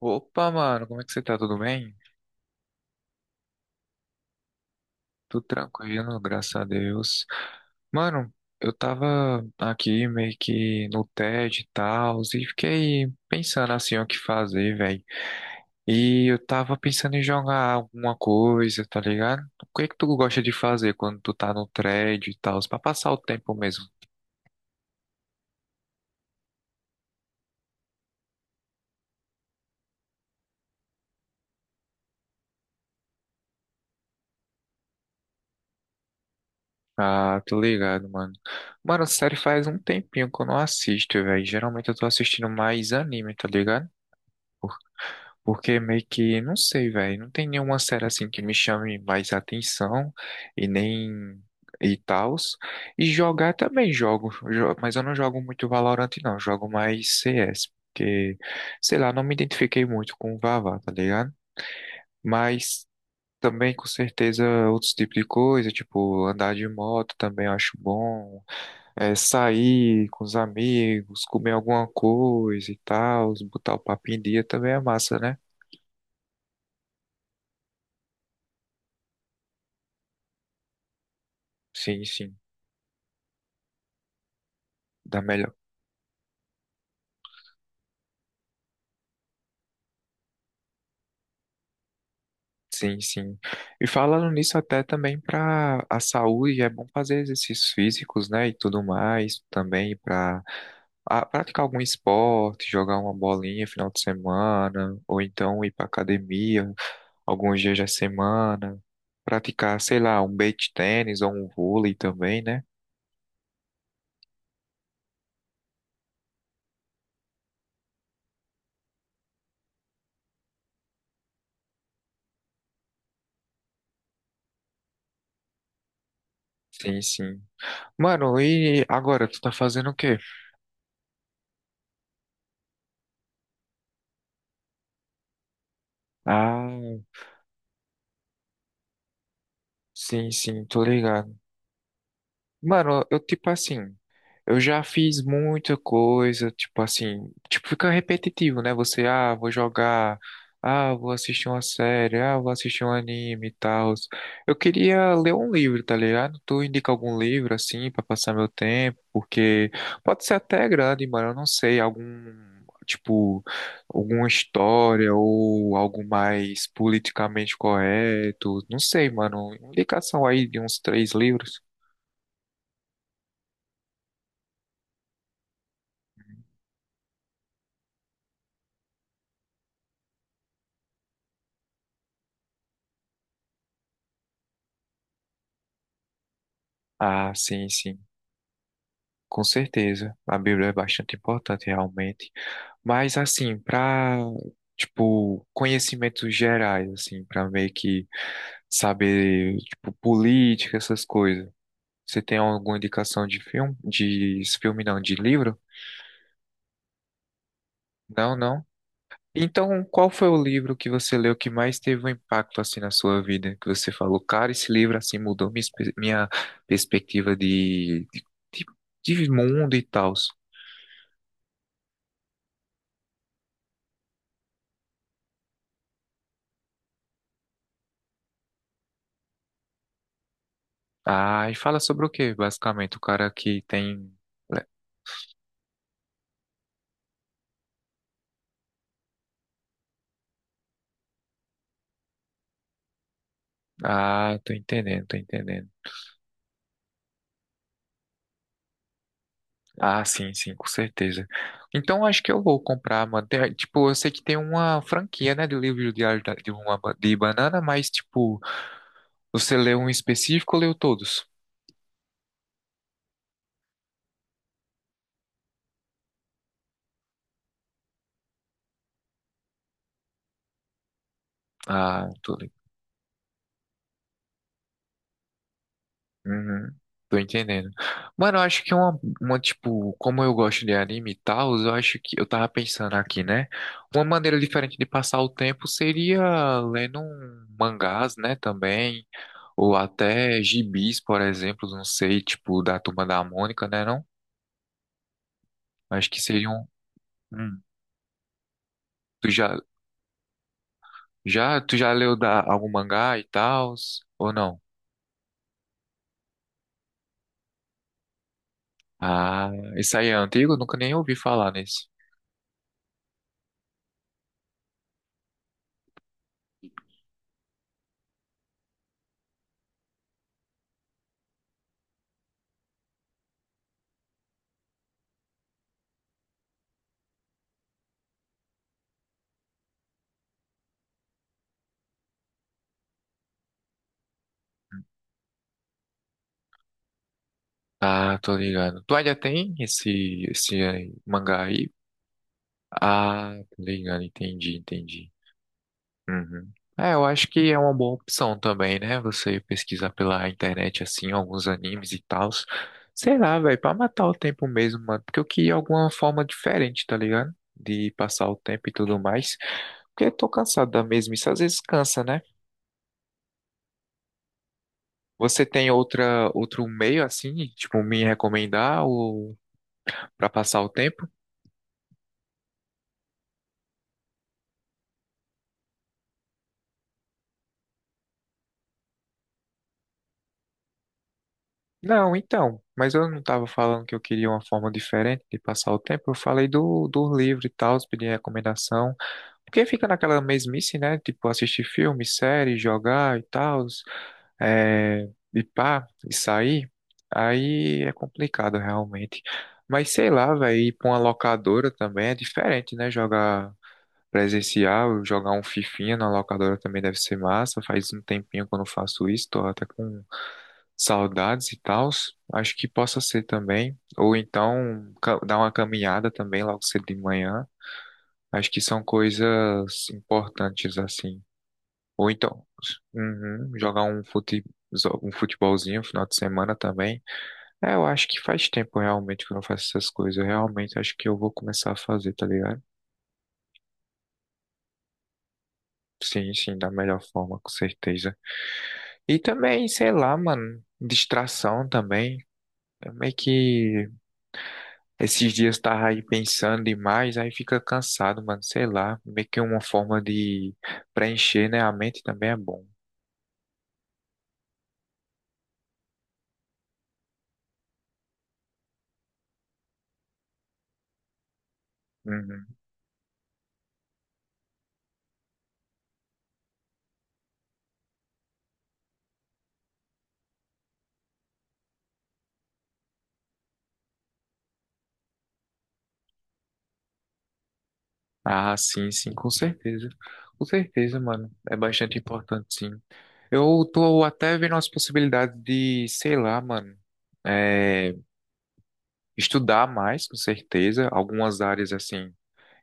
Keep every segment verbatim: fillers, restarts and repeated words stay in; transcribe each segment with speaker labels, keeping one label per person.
Speaker 1: Opa, mano, como é que você tá? Tudo bem? Tudo tranquilo, graças a Deus. Mano, eu tava aqui meio que no T E D e tal, e fiquei pensando assim o que fazer, velho. E eu tava pensando em jogar alguma coisa, tá ligado? O que é que tu gosta de fazer quando tu tá no T E D e tal, pra passar o tempo mesmo? Ah, tô ligado, mano. Mano, sério, faz um tempinho que eu não assisto, velho. Geralmente eu tô assistindo mais anime, tá ligado? Porque meio que, não sei, velho, não tem nenhuma série assim que me chame mais atenção e nem e tals. E jogar também jogo, jo- mas eu não jogo muito Valorant não, jogo mais C S, porque sei lá, não me identifiquei muito com o Vavá, tá ligado? Mas também com certeza outros tipos de coisa, tipo andar de moto também eu acho bom, é, sair com os amigos, comer alguma coisa e tal, botar o papo em dia também é massa, né? Sim, sim. Dá melhor. Sim, sim. E falando nisso até também para a saúde, é bom fazer exercícios físicos, né, e tudo mais, também para praticar algum esporte, jogar uma bolinha final de semana, ou então ir para academia alguns dias da semana, praticar, sei lá, um beach tênis ou um vôlei também, né? Sim, sim. Mano, e agora tu tá fazendo o quê? Ah, sim, sim, tô ligado. Mano, eu tipo assim, eu já fiz muita coisa, tipo assim, tipo fica repetitivo, né? Você, ah, vou jogar, ah, vou assistir uma série, ah, vou assistir um anime e tal. Eu queria ler um livro, tá ligado? Tu indica algum livro assim pra passar meu tempo, porque pode ser até grande, mano, eu não sei, algum tipo alguma história ou algo mais politicamente correto, não sei, mano, indicação aí de uns três livros. Ah, sim, sim, com certeza. A Bíblia é bastante importante, realmente. Mas, assim, para, tipo, conhecimentos gerais, assim, para meio que saber, tipo, política, essas coisas. Você tem alguma indicação de filme? De filme não, de livro? Não, não. Então, qual foi o livro que você leu que mais teve um impacto, assim, na sua vida? Que você falou, cara, esse livro, assim, mudou minha, espe- minha perspectiva de, de, de de mundo e tal. Ah, e fala sobre o quê, basicamente? O cara que tem. Ah, tô entendendo, tô entendendo. Ah, sim, sim, com certeza. Então acho que eu vou comprar, mano. Tem- tipo, eu sei que tem uma franquia, né, do livro diário da- de uma ba- de banana, mas tipo, você leu um específico ou leu todos? Ah, tô ligado. Uhum, tô entendendo. Mano, eu acho que uma, uma, tipo, como eu gosto de anime e tal, eu acho que eu tava pensando aqui, né? Uma maneira diferente de passar o tempo seria lendo um mangás, né, também, ou até gibis, por exemplo, não sei, tipo, da Turma da Mônica, né, não? Acho que seria um, um- tu já, já, tu já leu da, algum mangá e tal, ou não? Ah, isso aí é antigo? Eu nunca nem ouvi falar nesse. Ah, tô ligado. Tu ainda tem esse, esse aí, mangá aí? Ah, tô ligado, entendi, entendi. Uhum. É, eu acho que é uma boa opção também, né? Você pesquisar pela internet, assim, alguns animes e tals. Sei lá, velho, pra matar o tempo mesmo, mano. Porque eu queria alguma forma diferente, tá ligado? De passar o tempo e tudo mais. Porque eu tô cansado da mesma, isso às vezes cansa, né? Você tem outra, outro meio, assim, tipo, me recomendar ou... para passar o tempo? Não, então, mas eu não estava falando que eu queria uma forma diferente de passar o tempo. Eu falei do, do livro e tal, pedi recomendação. Porque fica naquela mesmice, né? Tipo, assistir filme, série, jogar e tal, é, e pá, e sair. Aí é complicado realmente. Mas sei lá, velho, ir pra uma locadora também é diferente, né? Jogar presencial, jogar um fifinha na locadora também deve ser massa. Faz um tempinho que eu não faço isso, tô até com saudades e tals. Acho que possa ser também. Ou então ca- dar uma caminhada também logo cedo de manhã. Acho que são coisas importantes assim. Ou então uhum, jogar um fute, um futebolzinho no final de semana também. É, eu acho que faz tempo realmente que eu não faço essas coisas. Eu realmente acho que eu vou começar a fazer, tá ligado? Sim, sim, da melhor forma, com certeza. E também, sei lá, mano, distração também. É meio que esses dias tava aí pensando demais, aí fica cansado, mano, sei lá. Meio que uma forma de preencher, né? A mente também é bom. Uhum. Ah, sim, sim, com certeza. Com certeza, mano. É bastante importante, sim. Eu tô até vendo as possibilidades de, sei lá, mano. é, Estudar mais, com certeza, algumas áreas assim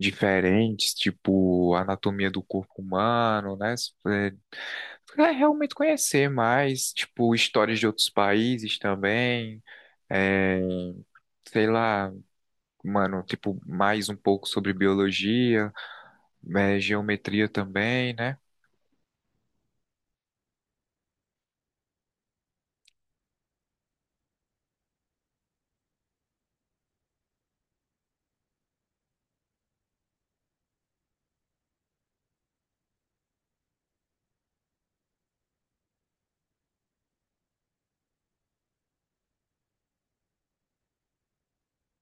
Speaker 1: diferentes, tipo anatomia do corpo humano, né? É, é realmente conhecer mais, tipo, histórias de outros países também, é, sei lá, mano, tipo, mais um pouco sobre biologia, é, geometria também, né?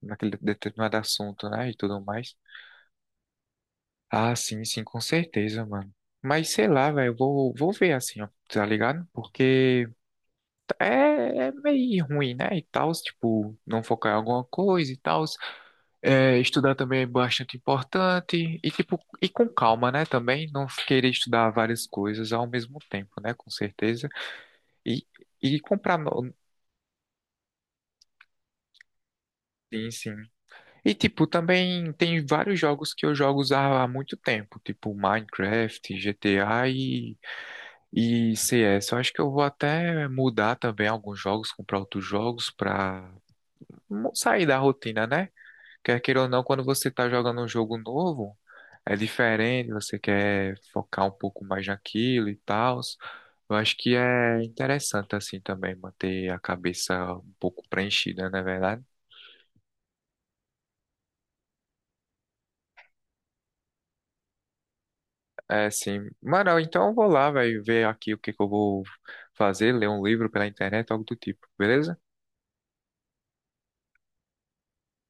Speaker 1: Naquele determinado assunto, né? E tudo mais. Ah, sim, sim, com certeza, mano. Mas sei lá, velho, eu vou, vou ver assim, ó, tá ligado? Porque. É, é meio ruim, né? E tal, tipo, não focar em alguma coisa e tal. É, estudar também é bastante importante. E, tipo, e com calma, né? Também não querer estudar várias coisas ao mesmo tempo, né? Com certeza. E, e comprar. No- Sim, sim. E, tipo, também tem vários jogos que eu jogo há há muito tempo, tipo Minecraft, G T A e, e C S. Eu acho que eu vou até mudar também alguns jogos, comprar outros jogos pra mo- sair da rotina, né? Quer queira ou não, quando você está jogando um jogo novo, é diferente, você quer focar um pouco mais naquilo e tal. Eu acho que é interessante, assim, também manter a cabeça um pouco preenchida, não é verdade? É, sim. Mano, então eu vou lá, velho, ver aqui o que que eu vou fazer, ler um livro pela internet, algo do tipo, beleza?